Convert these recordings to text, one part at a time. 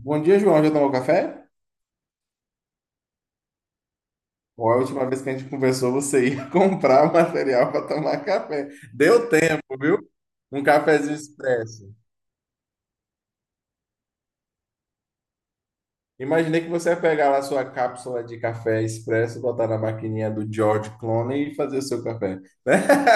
Bom dia, João. Já tomou café? Ou a última vez que a gente conversou, você ia comprar material para tomar café. Deu tempo, viu? Um cafezinho expresso. Imaginei que você ia pegar lá sua cápsula de café expresso, botar na maquininha do George Clooney e fazer o seu café, né?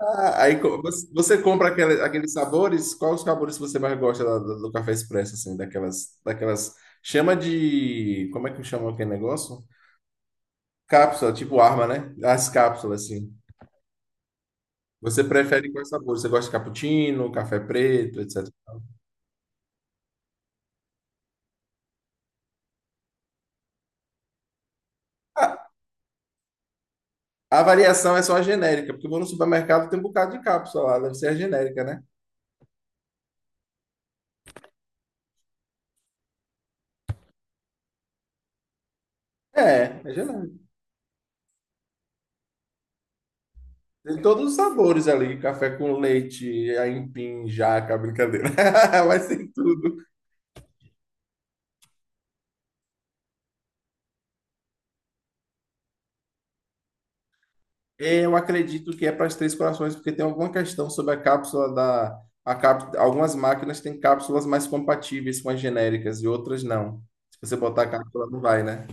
Ah, aí você compra aqueles sabores? Quais os sabores que você mais gosta do café expresso, assim, daquelas? Como é que chama aquele negócio? Cápsula, tipo arma, né? As cápsulas, assim. Você prefere quais sabores? Você gosta de cappuccino, café preto, etc. A, a variação é só a genérica, porque eu vou no supermercado tem um bocado de cápsula lá, deve ser a genérica, né? É, é genérica. Tem todos os sabores ali, café com leite, aipim, jaca, brincadeira. Mas tem tudo. Eu acredito que é para as Três Corações, porque tem alguma questão sobre a cápsula Algumas máquinas têm cápsulas mais compatíveis com as genéricas e outras não. Se você botar a cápsula, não vai, né?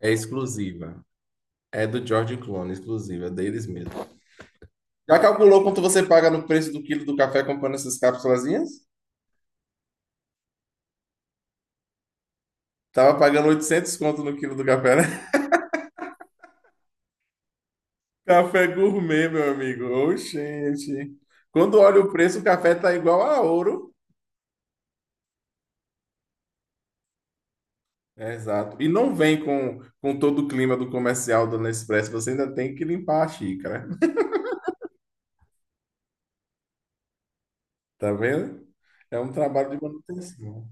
É exclusiva. É do George Clooney, exclusiva, é deles mesmo. Já calculou quanto você paga no preço do quilo do café comprando essas cápsulazinhas? Tava pagando 800 conto no quilo do café, né? Café gourmet, meu amigo. Oxente. Quando olha o preço, o café tá igual a ouro. É, exato. E não vem com todo o clima do comercial do Nespresso. Você ainda tem que limpar a xícara. Tá vendo? É um trabalho de manutenção.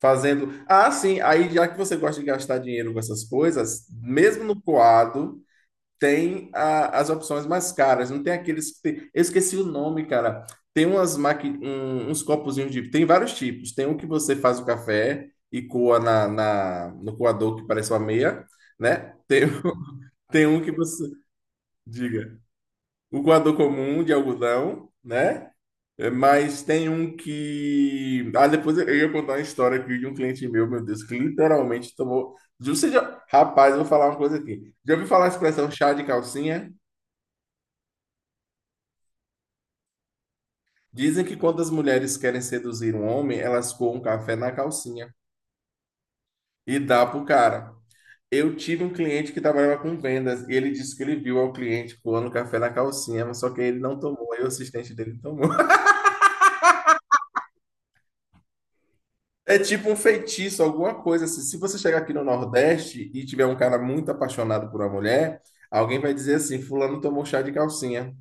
Fazendo. Ah, sim. Aí, já que você gosta de gastar dinheiro com essas coisas, mesmo no coado, tem as opções mais caras. Não tem aqueles que tem. Eu esqueci o nome, cara. Tem umas uns copozinhos de. Tem vários tipos. Tem um que você faz o café e coa no coador que parece uma meia, né? Tem. Tem um que você. Diga. O coador comum de algodão, né? É, mas tem um que. Ah, depois eu ia contar uma história aqui de um cliente meu, meu Deus, que literalmente tomou. Você já. Rapaz, eu vou falar uma coisa aqui. Já ouviu falar a expressão chá de calcinha? Dizem que quando as mulheres querem seduzir um homem, elas coam um café na calcinha e dá pro cara. Eu tive um cliente que trabalhava com vendas e ele disse que ele viu ao cliente coando café na calcinha, mas só que ele não tomou, aí o assistente dele tomou. É tipo um feitiço, alguma coisa assim. Se você chegar aqui no Nordeste e tiver um cara muito apaixonado por uma mulher, alguém vai dizer assim: Fulano tomou chá de calcinha.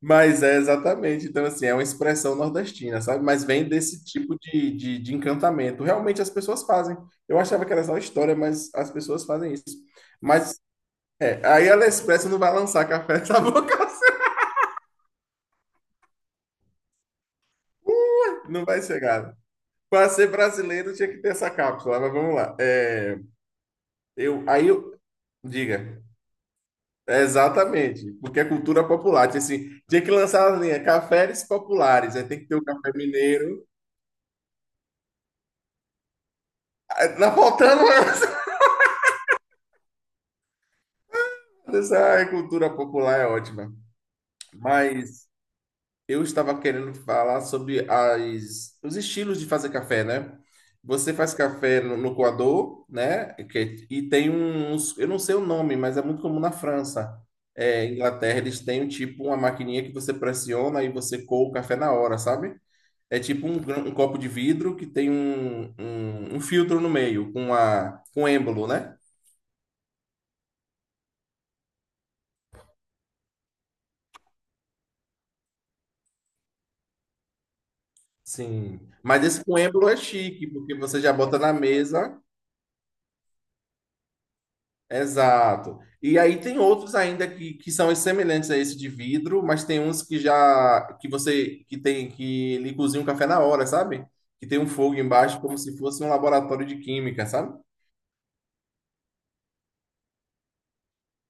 Mas é exatamente, então assim, é uma expressão nordestina, sabe? Mas vem desse tipo de encantamento. Realmente as pessoas fazem. Eu achava que era só história, mas as pessoas fazem isso. Mas é, aí a Nespresso não vai lançar café nessa boca, não vai chegar. Para ser brasileiro tinha que ter essa cápsula, mas vamos lá. É, eu, aí eu, diga. É, exatamente, porque é cultura popular. Tinha, assim, tinha que lançar a linha cafés populares, aí tem que ter o café mineiro. Aí, tá faltando. Essa é cultura popular é ótima. Mas eu estava querendo falar sobre os estilos de fazer café, né? Você faz café no coador, né? E tem uns, eu não sei o nome, mas é muito comum na França. É, Inglaterra, eles têm tipo uma maquininha que você pressiona e você coa o café na hora, sabe? É tipo um copo de vidro que tem um filtro no meio, com êmbolo, né? Sim, mas esse com êmbolo é chique, porque você já bota na mesa. Exato. E aí tem outros ainda que são semelhantes a esse de vidro, mas tem uns que já que você que tem que ele cozinha um café na hora, sabe? Que tem um fogo embaixo como se fosse um laboratório de química, sabe?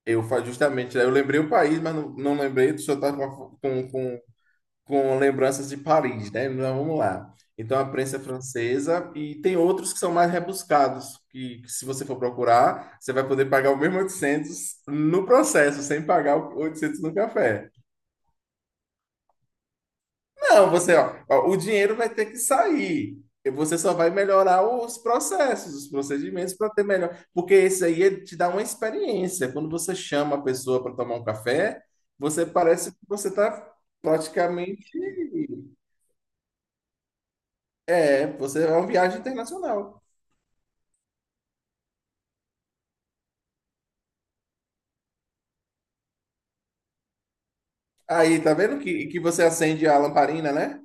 Eu justamente, eu lembrei o país, mas não, não lembrei, o senhor tá com, a- com, com lembranças de Paris, né? Então, vamos lá. Então, a prensa é francesa, e tem outros que são mais rebuscados, que se você for procurar, você vai poder pagar o mesmo 800 no processo, sem pagar o 800 no café. Não, você, ó, ó, o dinheiro vai ter que sair. E você só vai melhorar os processos, os procedimentos para ter melhor. Porque esse aí ele te dá uma experiência. Quando você chama a pessoa para tomar um café, você parece que você está praticamente. É, você é uma viagem internacional. Aí, tá vendo que você acende a lamparina, né?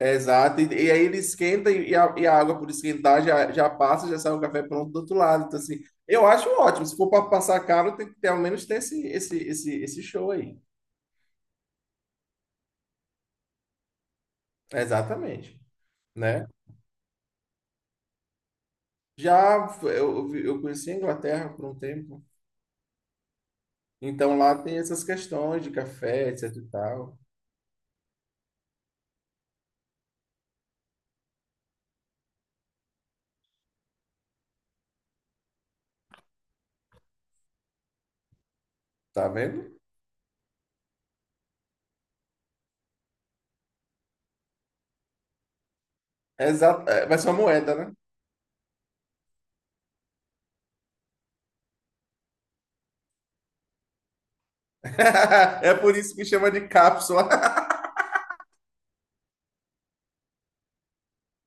É, exato. E aí ele esquenta e a água por esquentar já passa, já sai o café pronto do outro lado. Então, assim, eu acho ótimo. Se for para passar caro, tem que ter, ao menos ter esse show aí. Exatamente, né? Eu conheci a Inglaterra por um tempo. Então lá tem essas questões de café, etc e tal. Tá vendo? Exato. É, vai ser uma moeda, né? É por isso que chama de cápsula.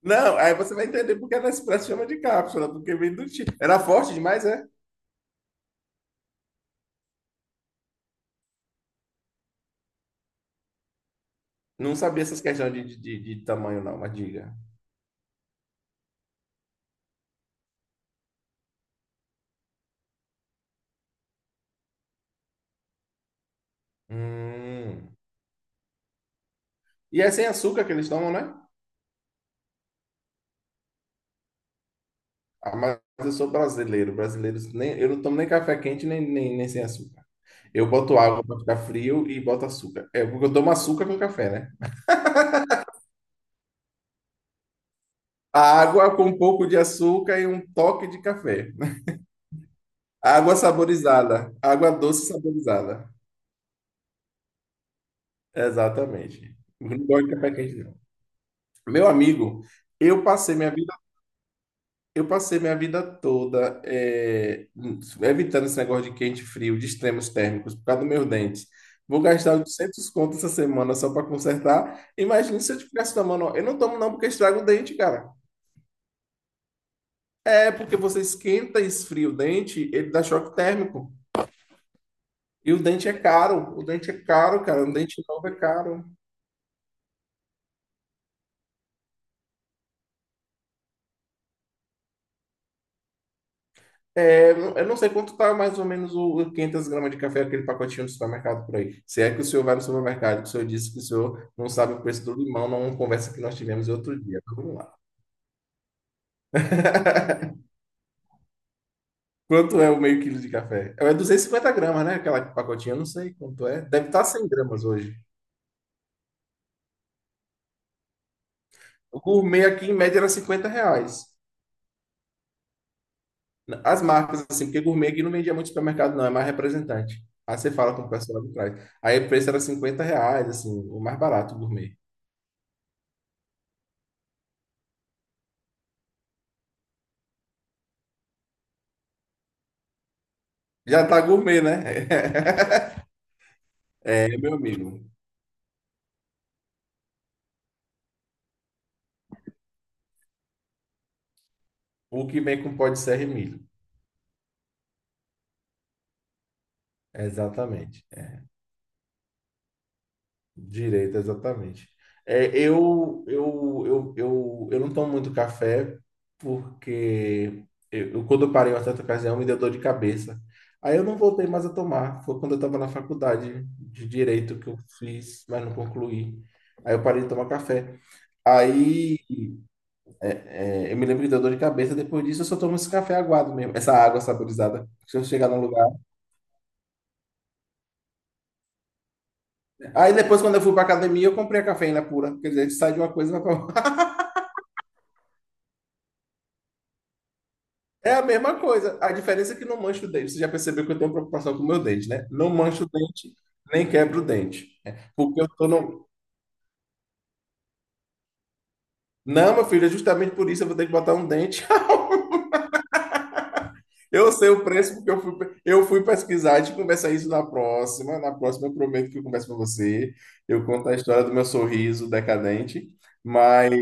Não, aí você vai entender porque a Nespresso chama de cápsula, porque vem do tipo. Era forte demais, é? Não sabia essas questões de tamanho, não, mas diga. Hum. E é sem açúcar que eles tomam, né? Ah, mas eu sou brasileiro. Brasileiros, nem, eu não tomo nem café quente, nem sem açúcar. Eu boto água para ficar frio e boto açúcar. É porque eu tomo açúcar com café, né? A água com um pouco de açúcar e um toque de café. Água saborizada. Água doce saborizada. Exatamente. Eu não gosto de café quente. Meu amigo, eu passei minha vida, eu passei minha vida toda evitando esse negócio de quente e frio, de extremos térmicos, por causa dos meus dentes. Vou gastar 800 conto essa semana só para consertar. Imagina se eu tivesse tomando. Eu não tomo não porque estraga o dente, cara. É porque você esquenta e esfria o dente, ele dá choque térmico. E o dente é caro. O dente é caro, cara. Um dente novo é caro. É, eu não sei quanto tá mais ou menos o 500 gramas de café, aquele pacotinho do supermercado por aí. Se é que o senhor vai no supermercado, que o senhor disse que o senhor não sabe o preço do limão, numa conversa que nós tivemos outro dia. Então, vamos lá. Quanto é o meio quilo de café? É 250 gramas, né? Aquela pacotinha, eu não sei quanto é. Deve estar 100 gramas hoje. O gourmet aqui, em média, era R$ 50. As marcas, assim, porque gourmet aqui não vendia muito supermercado, não, é mais representante. Aí você fala com o pessoal lá de trás. Aí o preço era R$ 50, assim, o mais barato, o gourmet. Já tá gourmet, né? É, meu amigo. O que vem com pó de serra e milho. Exatamente. Direito, exatamente. É, eu não tomo muito café porque quando eu parei uma certa ocasião me deu dor de cabeça. Aí eu não voltei mais a tomar. Foi quando eu estava na faculdade de direito que eu fiz, mas não concluí. Aí eu parei de tomar café. Aí é, é, eu me lembro que deu dor de cabeça. Depois disso, eu só tomo esse café aguado mesmo. Essa água saborizada. Se eu chegar num lugar. Aí depois, quando eu fui pra academia, eu comprei a cafeína pura. Quer dizer, a gente sai de uma coisa e vai pra É a mesma coisa. A diferença é que não mancho o dente. Você já percebeu que eu tenho preocupação com o meu dente, né? Não mancho o dente, nem quebro o dente. É, porque eu tô no. Não, meu filho, é justamente por isso eu vou ter que botar um dente. Eu sei o preço porque eu fui pesquisar. A gente conversa isso na próxima. Na próxima, eu prometo que eu converso com você. Eu conto a história do meu sorriso decadente. Mas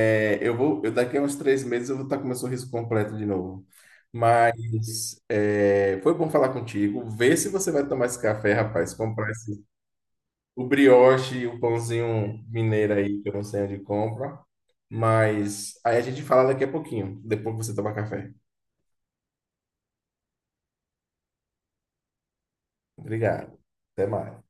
é, daqui a uns 3 meses eu vou estar com meu sorriso completo de novo. Mas é, foi bom falar contigo. Vê se você vai tomar esse café, rapaz. Comprar esse, o brioche, o pãozinho mineiro aí, que eu não sei onde compra. Mas aí a gente fala daqui a pouquinho, depois que você tomar café. Obrigado. Até mais.